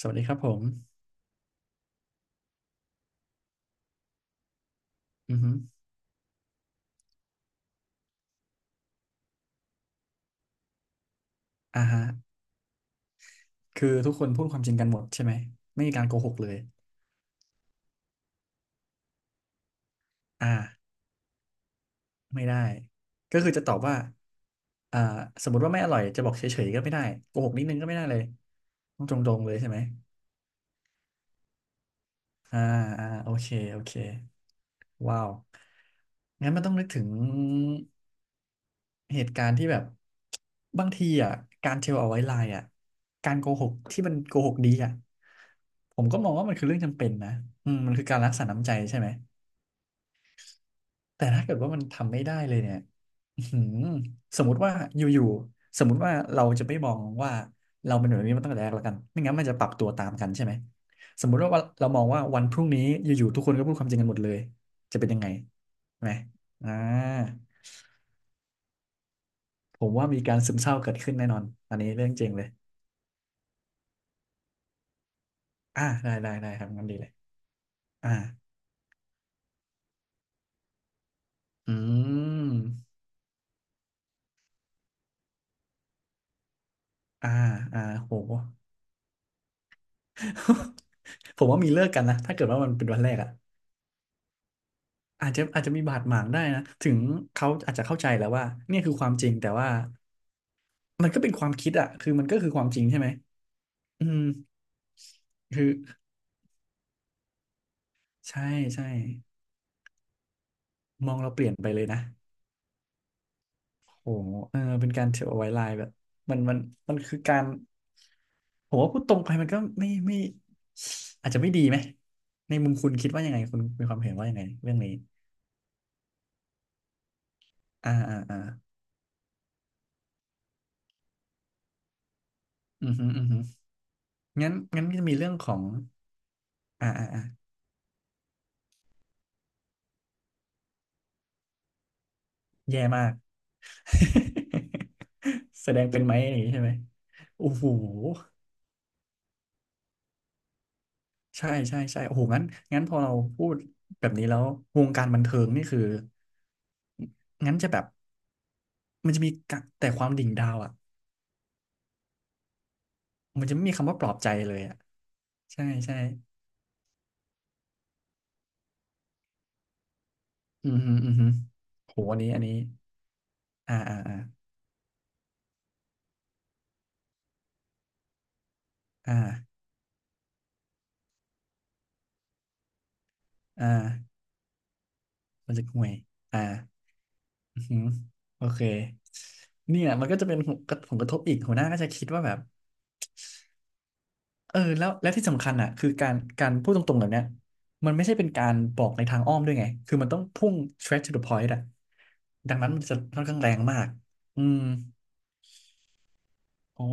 สวัสดีครับผมอือฮึอ่าฮะคือทุกคนพูดความจริงกันหมดใช่ไหม ไม่มีการโกหกเลยอ่าไม่ได้ ก็คือจะตอบว่าอ่าสมมติว่าไม่อร่อยจะบอกเฉยๆก็ไม่ได้ โกหกนิดนึงก็ไม่ได้เลย ต้องตรงๆเลยใช่ไหมอ่าอ่าโอเค โอเค ว้าว งั้นมันต้องนึกถึง เหตุการณ์ที่แบบบางทีอ่ะการเทลเอาไว้ไลน์อ่ะการโกหกที่มันโกหกดีอ่ะผมก็มองว่ามันคือเรื่องจำเป็นนะอืมมันคือการรักษาน้ำใจใช่ไหมแต่ถ้าเกิดว่ามันทำไม่ได้เลยเนี่ยอื้อหือสมมติว่าอยู่ๆสมมติว่าเราจะไม่มองว่าเราเป็นแบบนี้มาตั้งแต่แรกแล้วกันไม่งั้นมันจะปรับตัวตามกันใช่ไหมสมมุติว่าเรามองว่าวันพรุ่งนี้อยู่ๆทุกคนก็พูดความจริงกันหมดเลยจะเป็นยังไงไหมอ่าผมว่ามีการซึมเศร้าเกิดขึ้นแน่นอนอันนี้เรื่องจริงเลย อ่าได้ได้ได้ครับงั้นดีเลยอ่าอืมอ่าอ่าโห ผมว่ามีเลิกกันนะถ้าเกิดว่ามันเป็นวันแรกอ่ะอาจจะมีบาดหมางได้นะถึงเขาอาจจะเข้าใจแล้วว่าเนี่ยคือความจริงแต่ว่ามันก็เป็นความคิดอ่ะคือมันก็คือความจริงใช่ไหมอืมคือใช่ใช่มองเราเปลี่ยนไปเลยนะ โอ้โหเออเป็นการเทรดเอาไว้ไลน์แบบมันมันคือการผมว่าพูดตรงไปมันก็ไม่อาจจะไม่ดีไหมในมุมคุณคิดว่ายังไงคุณมีความเห็นว่ายังไงเรื่องนี้อ่าอ่าอ่าอือฮึอือฮึงั้นก็จะมีเรื่องของอ่าอ่าอ่าแย่มาก แสดงเป็นไหมอย่างนี้ใช่ไหมโอ้โหใช่ใช่ใช่โอ้โหงั้นงั้นพอเราพูดแบบนี้แล้ววงการบันเทิงนี่คืองั้นจะแบบมันจะมีกะแต่ความดิ่งดาวอะ มันจะไม่มีคำว่าปลอบใจเลยอ่ะใช่ใช่อืมหึออืมฮึโหอันนี้อันนี้อ่าอ่าอ่าอ่าอ่ามันจะห่วยอ่าอือฮึโอเคเนี่ยมันก็จะเป็นผลกระผลกระทบอีกหัวหน้าก็จะคิดว่าแบบเออแล้วแล้วที่สำคัญอ่ะคือการการพูดตรงๆแบบเนี้ยมันไม่ใช่เป็นการบอกในทางอ้อมด้วยไงคือมันต้องพุ่ง straight to the point อ่ะดังนั้นมันจะค่อนข้างแรงมากอืม อ๋อ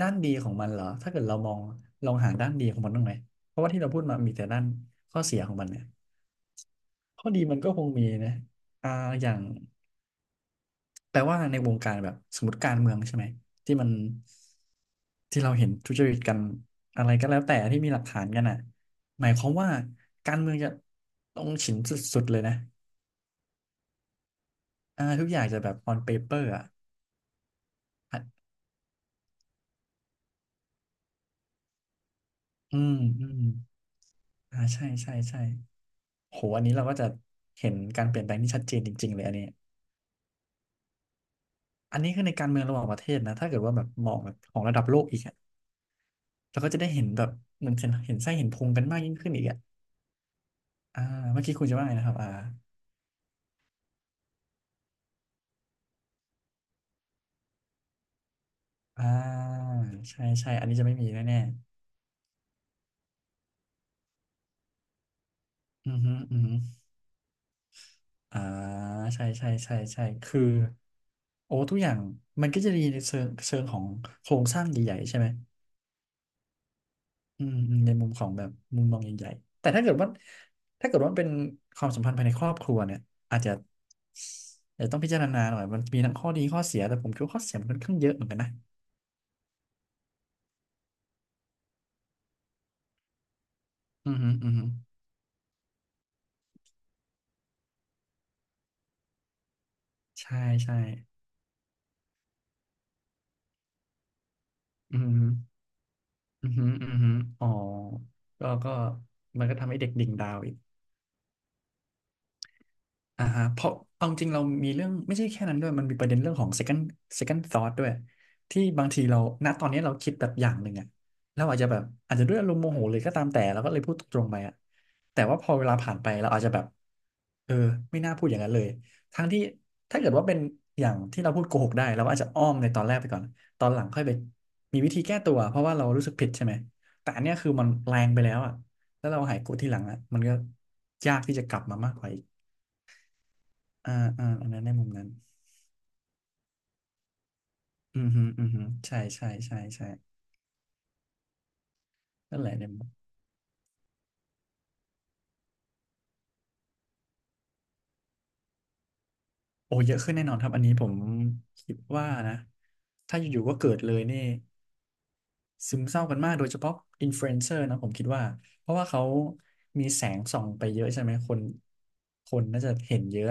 ด้านดีของมันเหรอถ้าเกิดเรามองลองหาด้านดีของมันบ้างไหมเพราะว่าที่เราพูดมามีแต่ด้านข้อเสียของมันเนี่ยข้อดีมันก็คงมีนะอ่าอย่างแปลว่าในวงการแบบสมมติการเมืองใช่ไหมที่มันที่เราเห็นทุจริตกันอะไรก็แล้วแต่ที่มีหลักฐานกันอ่ะหมายความว่าการเมืองจะต้องฉินสุดๆเลยนะอ่าทุกอย่างจะแบบ on paper อ่ะอ่ะอืมอืมอ่าใช่ใช่ใช่ โหอันนี้เราก็จะเห็นการเปลี่ยนแปลงที่ชัดเจนจริงๆเลยอันนี้ อันนี้คือในการเมืองระหว่างประเทศนะ ถ้าเกิดว่าแบบมองแบบของระดับโลกอีกอะเราก็จะได้เห็นแบบเหมือนเห็นไส้เห็นพุงกันมากยิ่งขึ้นอีกอะอ่าเมื่อกี้คุณจะว่าไงนะครับอ่าอ่าใช่ใช่อันนี้จะไม่มีแน่ๆอือฮึอือฮึอ่าใช่ใช่ใช่ใช่คือ โอ้ทุกอย่างมันก็จะดีในเชิงของโครงสร้างใหญ่ๆใช่ไหม อืมอืมในมุมของแบบมุมมองใหญ่ๆแต่ถ้าเกิดว่ามันเป็นความสัมพันธ์ภายในครอบครัวเนี่ยอาจจะอาจจะต้องพิจารณาหน่อยมันมีทั้งข้อดีข้อเสียแต่ผมคิดว่าข้อเสียมันค่อนข้างเยอะเหมือนกันนะอือฮึอือฮึใช่ใช่อือฮึอือฮึอือฮึอ๋อก็มันก็ทำให้เด็กดิ่งดาวอีก อ่าฮะเพราะเอาจริงเรามีเรื่องไม่ใช่แค่นั้นด้วยมันมีประเด็นเรื่องของ second second thought ด้วยที่บางทีเราณตอนนี้เราคิดแบบอย่างหนึ่งอะเราอาจจะแบบอาจจะด้วยอารมณ์โมโหเลยก็ตามแต่เราก็เลยพูดตรงๆไปอะแต่ว่าพอเวลาผ่านไปเราอาจจะแบบเออไม่น่าพูดอย่างนั้นเลยทั้งที่ถ้าเกิดว่าเป็นอย่างที่เราพูดโกหกได้เราก็อาจจะอ้อมในตอนแรกไปก่อนตอนหลังค่อยไปมีวิธีแก้ตัวเพราะว่าเรารู้สึกผิดใช่ไหมแต่อันเนี้ยคือมันแรงไปแล้วอะแล้วเราหายโกรธทีหลังอะมันก็ยากที่จะกลับมามากกว่าอีก อ่าอ่าอันนั้นในมุมนั้นอืมฮึอืมฮึใช่ใช่ใช่ใช่นั่นแหละในมุมโอ้เยอะขึ้นแน่นอนครับอันนี้ผมคิดว่านะถ้าอยู่ๆก็เกิดเลยนี่ซึมเศร้ากันมากโดยเฉพาะอินฟลูเอนเซอร์นะผมคิดว่าเพราะว่าเขามีแสงส่องไปเยอะใช่ไหมคนคนน่าจะเห็นเยอะ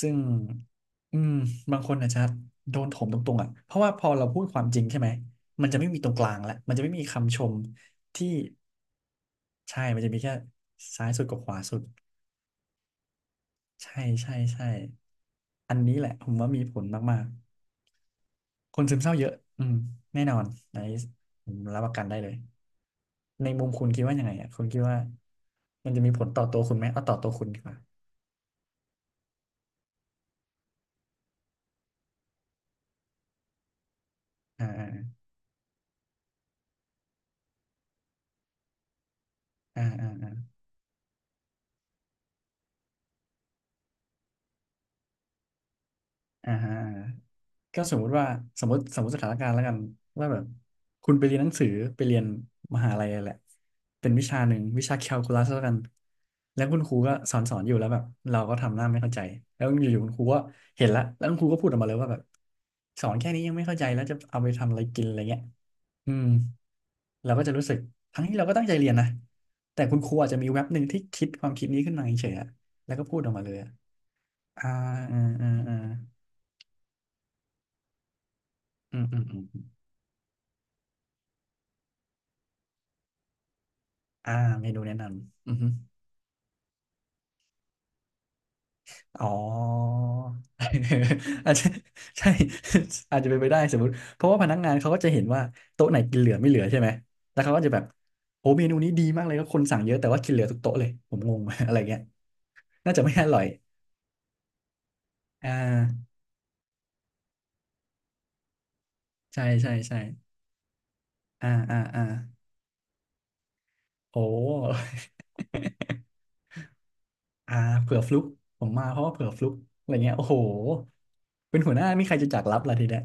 ซึ่งอืมบางคนอาจจะโดนถมตรงๆอ่ะเพราะว่าพอเราพูดความจริงใช่ไหมมันจะไม่มีตรงกลางแล้วมันจะไม่มีคำชมที่ใช่มันจะมีแค่ซ้ายสุดกับขวาสุดใช่ใช่ใช่อันนี้แหละผมว่ามีผลมากๆคนซึมเศร้าเยอะอืมแน่นอนอันนี้ผมรับประกันได้เลยในมุมคุณคิดว่ายังไงอ่ะคุณคิดว่ามันจะมีผลต่อตัวคุณไหมเอาต่อตัวคุณดีกว่าอ่าอ่าอ่าอ่าอ่าฮะ ก็สมมุติว่าสมมติสถานการณ์แล้วกันว่าแบบคุณไปเรียนหนังสือไปเรียนมหาลัยอะไรแหละเป็นวิชาหนึ่งวิชาแคลคูลัสแล้วกันแล้วคุณครูก็สอนอยู่แล้วแบบเราก็ทำหน้าไม่เข้าใจแล้วอยู่ๆคุณครูก็เห็นละแล้วคุณครูก็พูดออกมาเลยว่าแบบสอนแค่นี้ยังไม่เข้าใจแล้วจะเอาไปทำอะไรกินอะไรเงี้ยอืมเราก็จะรู้สึกทั้งที่เราก็ตั้งใจเรียนนะแต่คุณครูอาจจะมีแว็บหนึ่งที่คิดความคิดนี้ขึ้นมาเฉยๆอะแล้วก็พูดออกมาเลยอะอ่าอืมอืมอืมอืมอืม อ่าเมนูแนะนำอือฮึอ๋อ อาจจะใช่ อาจจะเป็นไปได้สมมติเพราะว่าพนักงานเขาก็จะเห็นว่าโต๊ะไหนกินเหลือไม่เหลือใช่ไหมแล้วเขาก็จะแบบโอ้เมนูนี้ดีมากเลยก็คนสั่งเยอะแต่ว่ากินเหลือทุกโต๊ะเลยผมงง อะไรเงี้ยน่าจะไม่อร่อยอ่าใช่ใช่ใช่อ่าอ่าอ่าโอ้ อ่าเผื่อฟลุกผมมาเพราะว่าเผื่อฟลุกอะไรเงี้ยโอ้โหเป็นหัวหน้ามีใครจะจากรับล่ะทีเนี้ย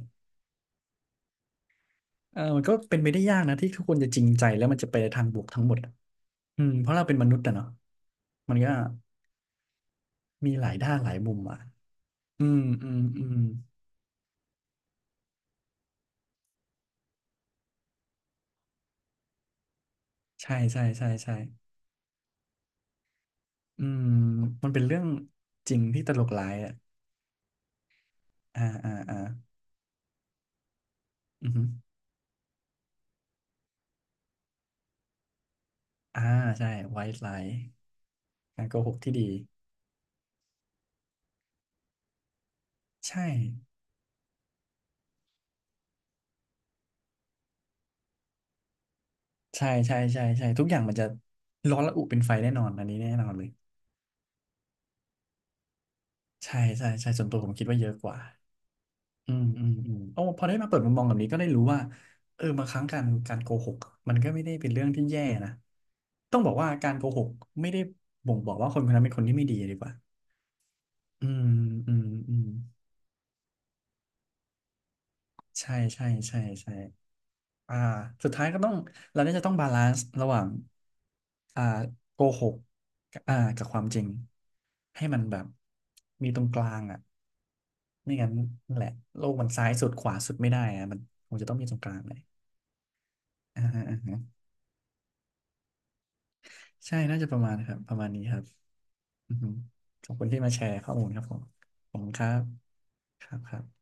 เออมันก็เป็นไปได้ยากนะที่ทุกคนจะจริงใจแล้วมันจะไปในทางบวกทั้งหมดอะอืมเพราะเราเป็นมนุษย์อะเนาะมันก็มีหลายด้านหลายมุมอ่ะอืมอืมอืมใช่ใช่ใช่ใช่อืมมันเป็นเรื่องจริงที่ตลกร้ายอ่ะอ่าอ่าอ่าอือฮึอ่าใช่ไวท์ไลน์การโกหกที่ดีใช่ใช่ใช่ใช่ใช่ทุกอย่างมันจะร้อนระอุเป็นไฟแน่นอนอันนี้แน่นอนเลยใช่ใช่ใช่ส่วนตัวผมคิดว่าเยอะกว่า อืมอืมอืมโอ้พอได้มาเปิดมุมมองแบบนี้ก็ได้รู้ว่าเออบางครั้งการโกหกมันก็ไม่ได้เป็นเรื่องที่แย่นะต้องบอกว่าการโกหกไม่ได้บ่งบอกว่าคนคนนั้นเป็นคนที่ไม่ดีดีกว่าอืมอืมอืมใช่ใช่ใช่ใช่อ่าสุดท้ายก็ต้องเราน่าจะต้องบาลานซ์ระหว่างอ่าโกหกกับอ่ากับความจริงให้มันแบบมีตรงกลางอ่ะไม่งั้นนั่นแหละโลกมันซ้ายสุดขวาสุดไม่ได้อะมันคงจะต้องมีตรงกลางเลยอ่าฮะ ใช่น่าจะประมาณครับประมาณนี้ครับอือฮึขอบคุณที่มาแชร์ข้อมูลครับผมขอบคุณครับครับครับ